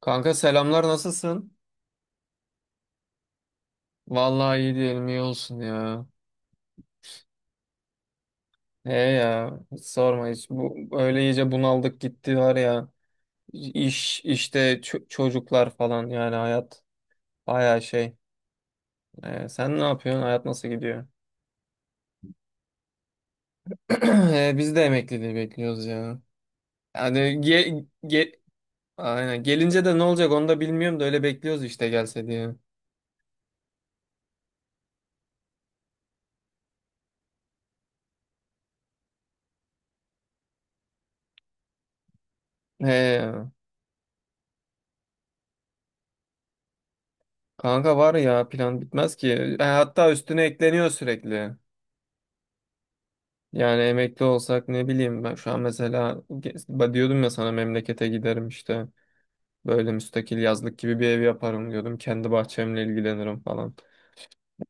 Kanka selamlar, nasılsın? Vallahi iyi diyelim, iyi olsun ya. He ya, hiç sorma, hiç bu öyle iyice bunaldık gitti var ya. İş işte, çocuklar falan, yani hayat baya şey. Sen ne yapıyorsun? Hayat nasıl gidiyor? Biz de emekliliği bekliyoruz ya. Yani aynen, gelince de ne olacak onu da bilmiyorum da öyle bekliyoruz işte, gelse diye. He ya. Kanka var ya, plan bitmez ki. Hatta üstüne ekleniyor sürekli. Yani emekli olsak, ne bileyim, ben şu an mesela diyordum ya sana, memlekete giderim işte, böyle müstakil yazlık gibi bir ev yaparım diyordum. Kendi bahçemle ilgilenirim falan.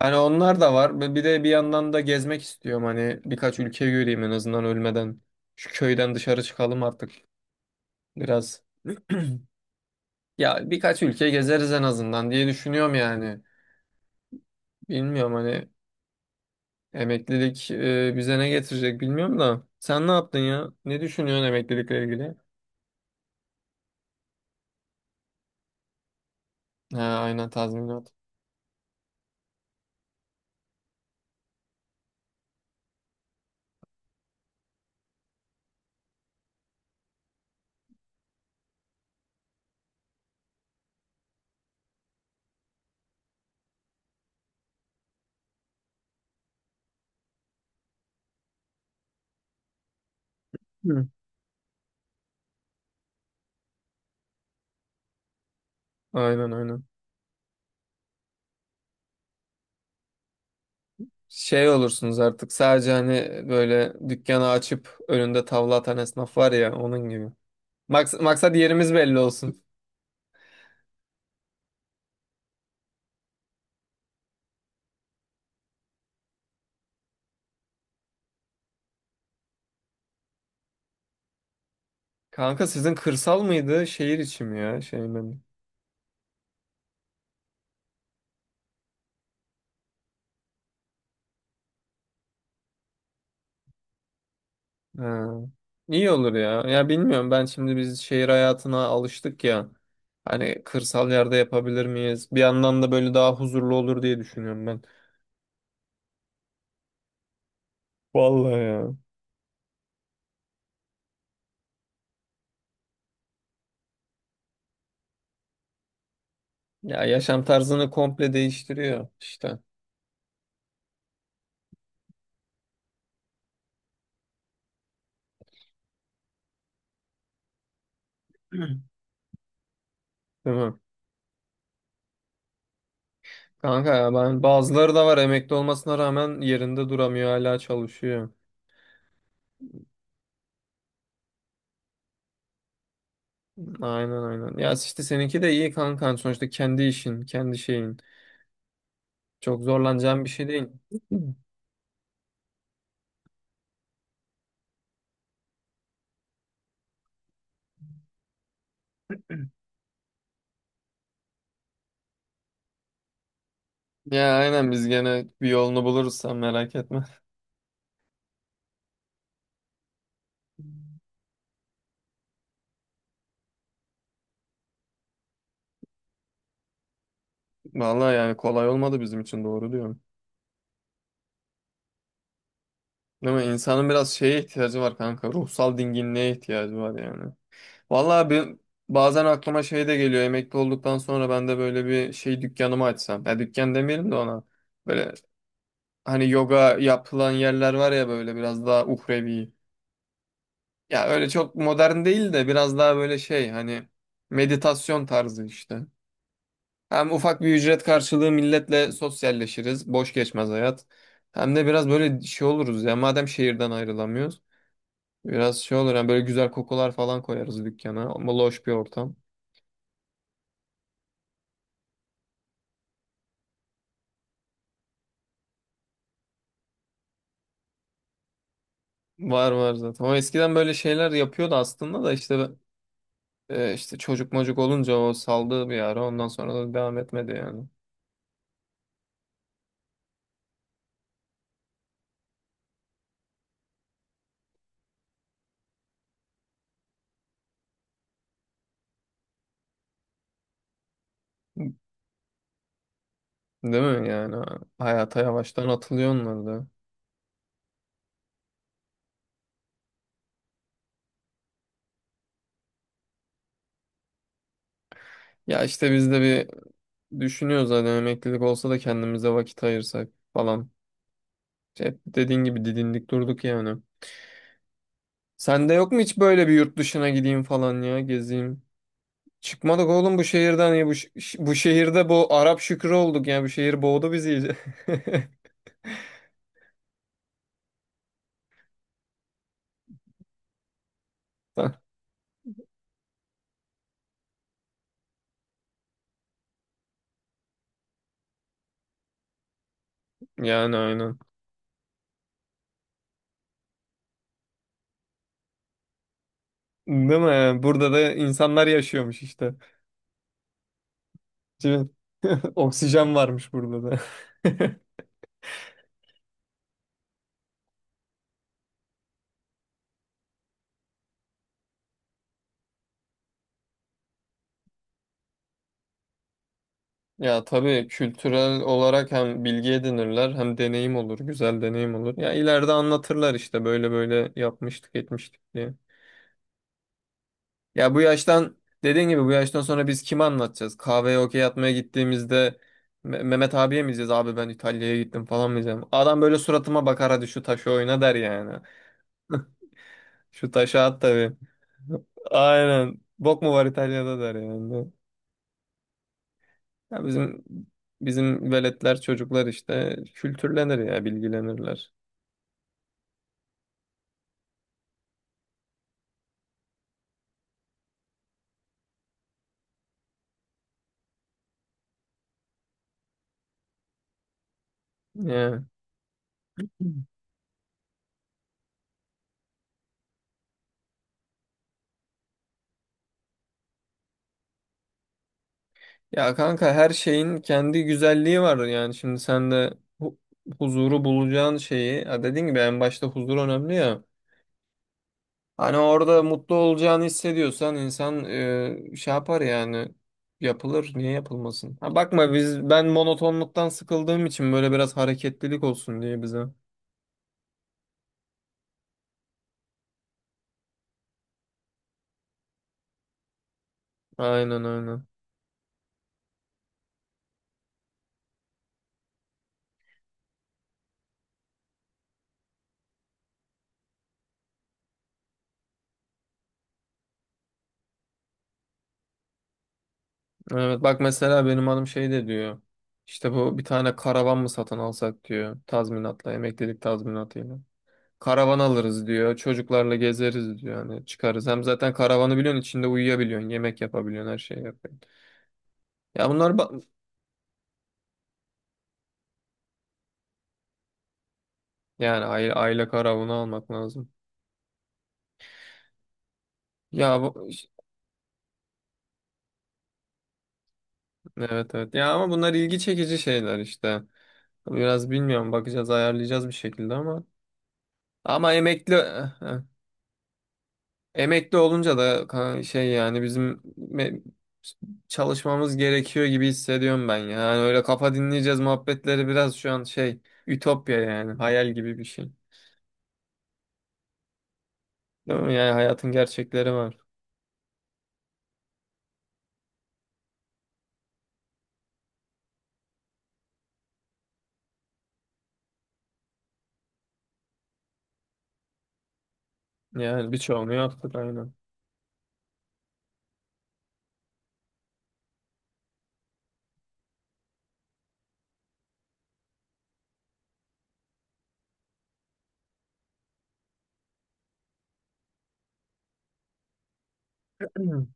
Yani onlar da var. Ve bir de bir yandan da gezmek istiyorum, hani birkaç ülke göreyim en azından ölmeden. Şu köyden dışarı çıkalım artık biraz. Ya birkaç ülke gezeriz en azından diye düşünüyorum yani. Bilmiyorum, hani emeklilik bize ne getirecek bilmiyorum da. Sen ne yaptın ya? Ne düşünüyorsun emeklilikle ilgili? Ha, aynen, tazminat. Hı. Aynen aynen. Şey olursunuz artık, sadece hani böyle dükkanı açıp önünde tavla atan esnaf var ya, onun gibi. Maksat yerimiz belli olsun. Kanka sizin kırsal mıydı, şehir içi mi, ya şey mi? Ha. İyi olur ya. Ya bilmiyorum, ben şimdi biz şehir hayatına alıştık ya. Hani kırsal yerde yapabilir miyiz? Bir yandan da böyle daha huzurlu olur diye düşünüyorum ben. Vallahi ya. Ya yaşam tarzını komple değiştiriyor işte. Hı. Değil mi? Kanka ya, ben bazıları da var emekli olmasına rağmen yerinde duramıyor, hala çalışıyor. Aynen aynen. Ya işte seninki de iyi kankan, sonuçta kendi işin, kendi şeyin. Çok zorlanacağın bir şey değil. Ya aynen, biz gene bir yolunu buluruz, sen merak etme. Vallahi yani kolay olmadı bizim için, doğru diyorum. Değil mi? İnsanın biraz şeye ihtiyacı var kanka. Ruhsal dinginliğe ihtiyacı var yani. Vallahi ben bazen aklıma şey de geliyor. Emekli olduktan sonra ben de böyle bir şey, dükkanımı açsam. Ya dükkan demeyelim de ona. Böyle, hani yoga yapılan yerler var ya, böyle biraz daha uhrevi. Ya öyle çok modern değil de, biraz daha böyle şey, hani meditasyon tarzı işte. Hem ufak bir ücret karşılığı milletle sosyalleşiriz, boş geçmez hayat. Hem de biraz böyle şey oluruz ya, madem şehirden ayrılamıyoruz. Biraz şey olur yani, böyle güzel kokular falan koyarız dükkana. Ama loş bir ortam. Var var zaten. O eskiden böyle şeyler yapıyordu aslında da, işte işte çocuk mocuk olunca o saldığı bir ara, ondan sonra da devam etmedi yani. Değil mi yani? Hayata yavaştan atılıyor onlar da. Ya işte biz de düşünüyoruz zaten, emeklilik olsa da kendimize vakit ayırsak falan. İşte hep dediğin gibi didindik durduk yani. Sende yok mu hiç böyle bir, yurt dışına gideyim falan ya, gezeyim? Çıkmadık oğlum bu şehirden ya, bu şehirde bu Arap Şükrü olduk ya, bu şehir boğdu bizi iyice. Yani aynen. Değil mi? Burada da insanlar yaşıyormuş işte. Değil mi? Oksijen varmış burada da. Ya tabii, kültürel olarak hem bilgi edinirler, hem deneyim olur, güzel deneyim olur. Ya ileride anlatırlar işte, böyle böyle yapmıştık, etmiştik diye. Ya bu yaştan Dediğin gibi bu yaştan sonra biz kime anlatacağız? Kahveye okey atmaya gittiğimizde Mehmet abiye mi diyeceğiz? Abi ben İtalya'ya gittim falan mı diyeceğim? Adam böyle suratıma bakar, hadi şu taşı oyna der yani. Şu taşı at tabii. Aynen. Bok mu var İtalya'da der yani. Ya bizim Bizim veletler, çocuklar işte kültürlenir ya, bilgilenirler. Ya. Ya kanka, her şeyin kendi güzelliği var yani. Şimdi sen de hu- huzuru bulacağın şeyi, ha dediğin gibi en başta huzur önemli ya. Hani orada mutlu olacağını hissediyorsan insan, şey yapar yani, yapılır, niye yapılmasın? Ha bakma, ben monotonluktan sıkıldığım için böyle biraz hareketlilik olsun diye bize. Aynen aynen. Evet bak, mesela benim hanım şey de diyor. İşte bu, bir tane karavan mı satın alsak diyor, tazminatla, emeklilik tazminatıyla. Karavan alırız diyor, çocuklarla gezeriz diyor, hani çıkarız. Hem zaten karavanı biliyorsun, içinde uyuyabiliyorsun, yemek yapabiliyorsun, her şeyi yapıyorsun. Ya bunlar ba- Yani aile karavanı almak lazım. Ya bu- evet evet. Ya ama bunlar ilgi çekici şeyler işte. Biraz bilmiyorum, bakacağız, ayarlayacağız bir şekilde ama. Ama emekli emekli olunca da şey, yani bizim me- çalışmamız gerekiyor gibi hissediyorum ben ya. Yani öyle kafa dinleyeceğiz muhabbetleri biraz şu an şey, ütopya, yani hayal gibi bir şey. Değil mi? Yani hayatın gerçekleri var. Yani birçoğunu yaptık, aynen.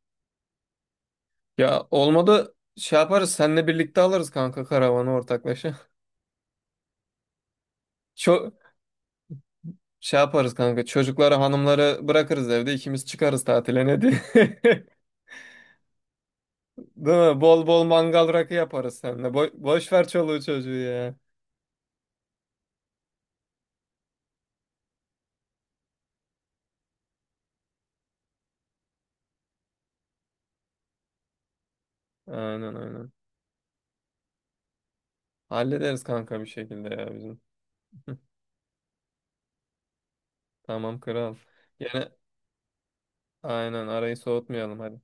Ya olmadı şey yaparız, seninle birlikte alırız kanka karavanı ortaklaşa. Çok Şey yaparız kanka, çocukları hanımları bırakırız evde, ikimiz çıkarız tatile ne diye. Değil mi? Bol bol mangal rakı yaparız seninle. Boş ver çoluğu çocuğu ya. Aynen aynen. Hallederiz kanka bir şekilde ya bizim. Tamam kral. Yine aynen, arayı soğutmayalım hadi.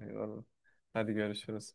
Eyvallah. Hadi görüşürüz.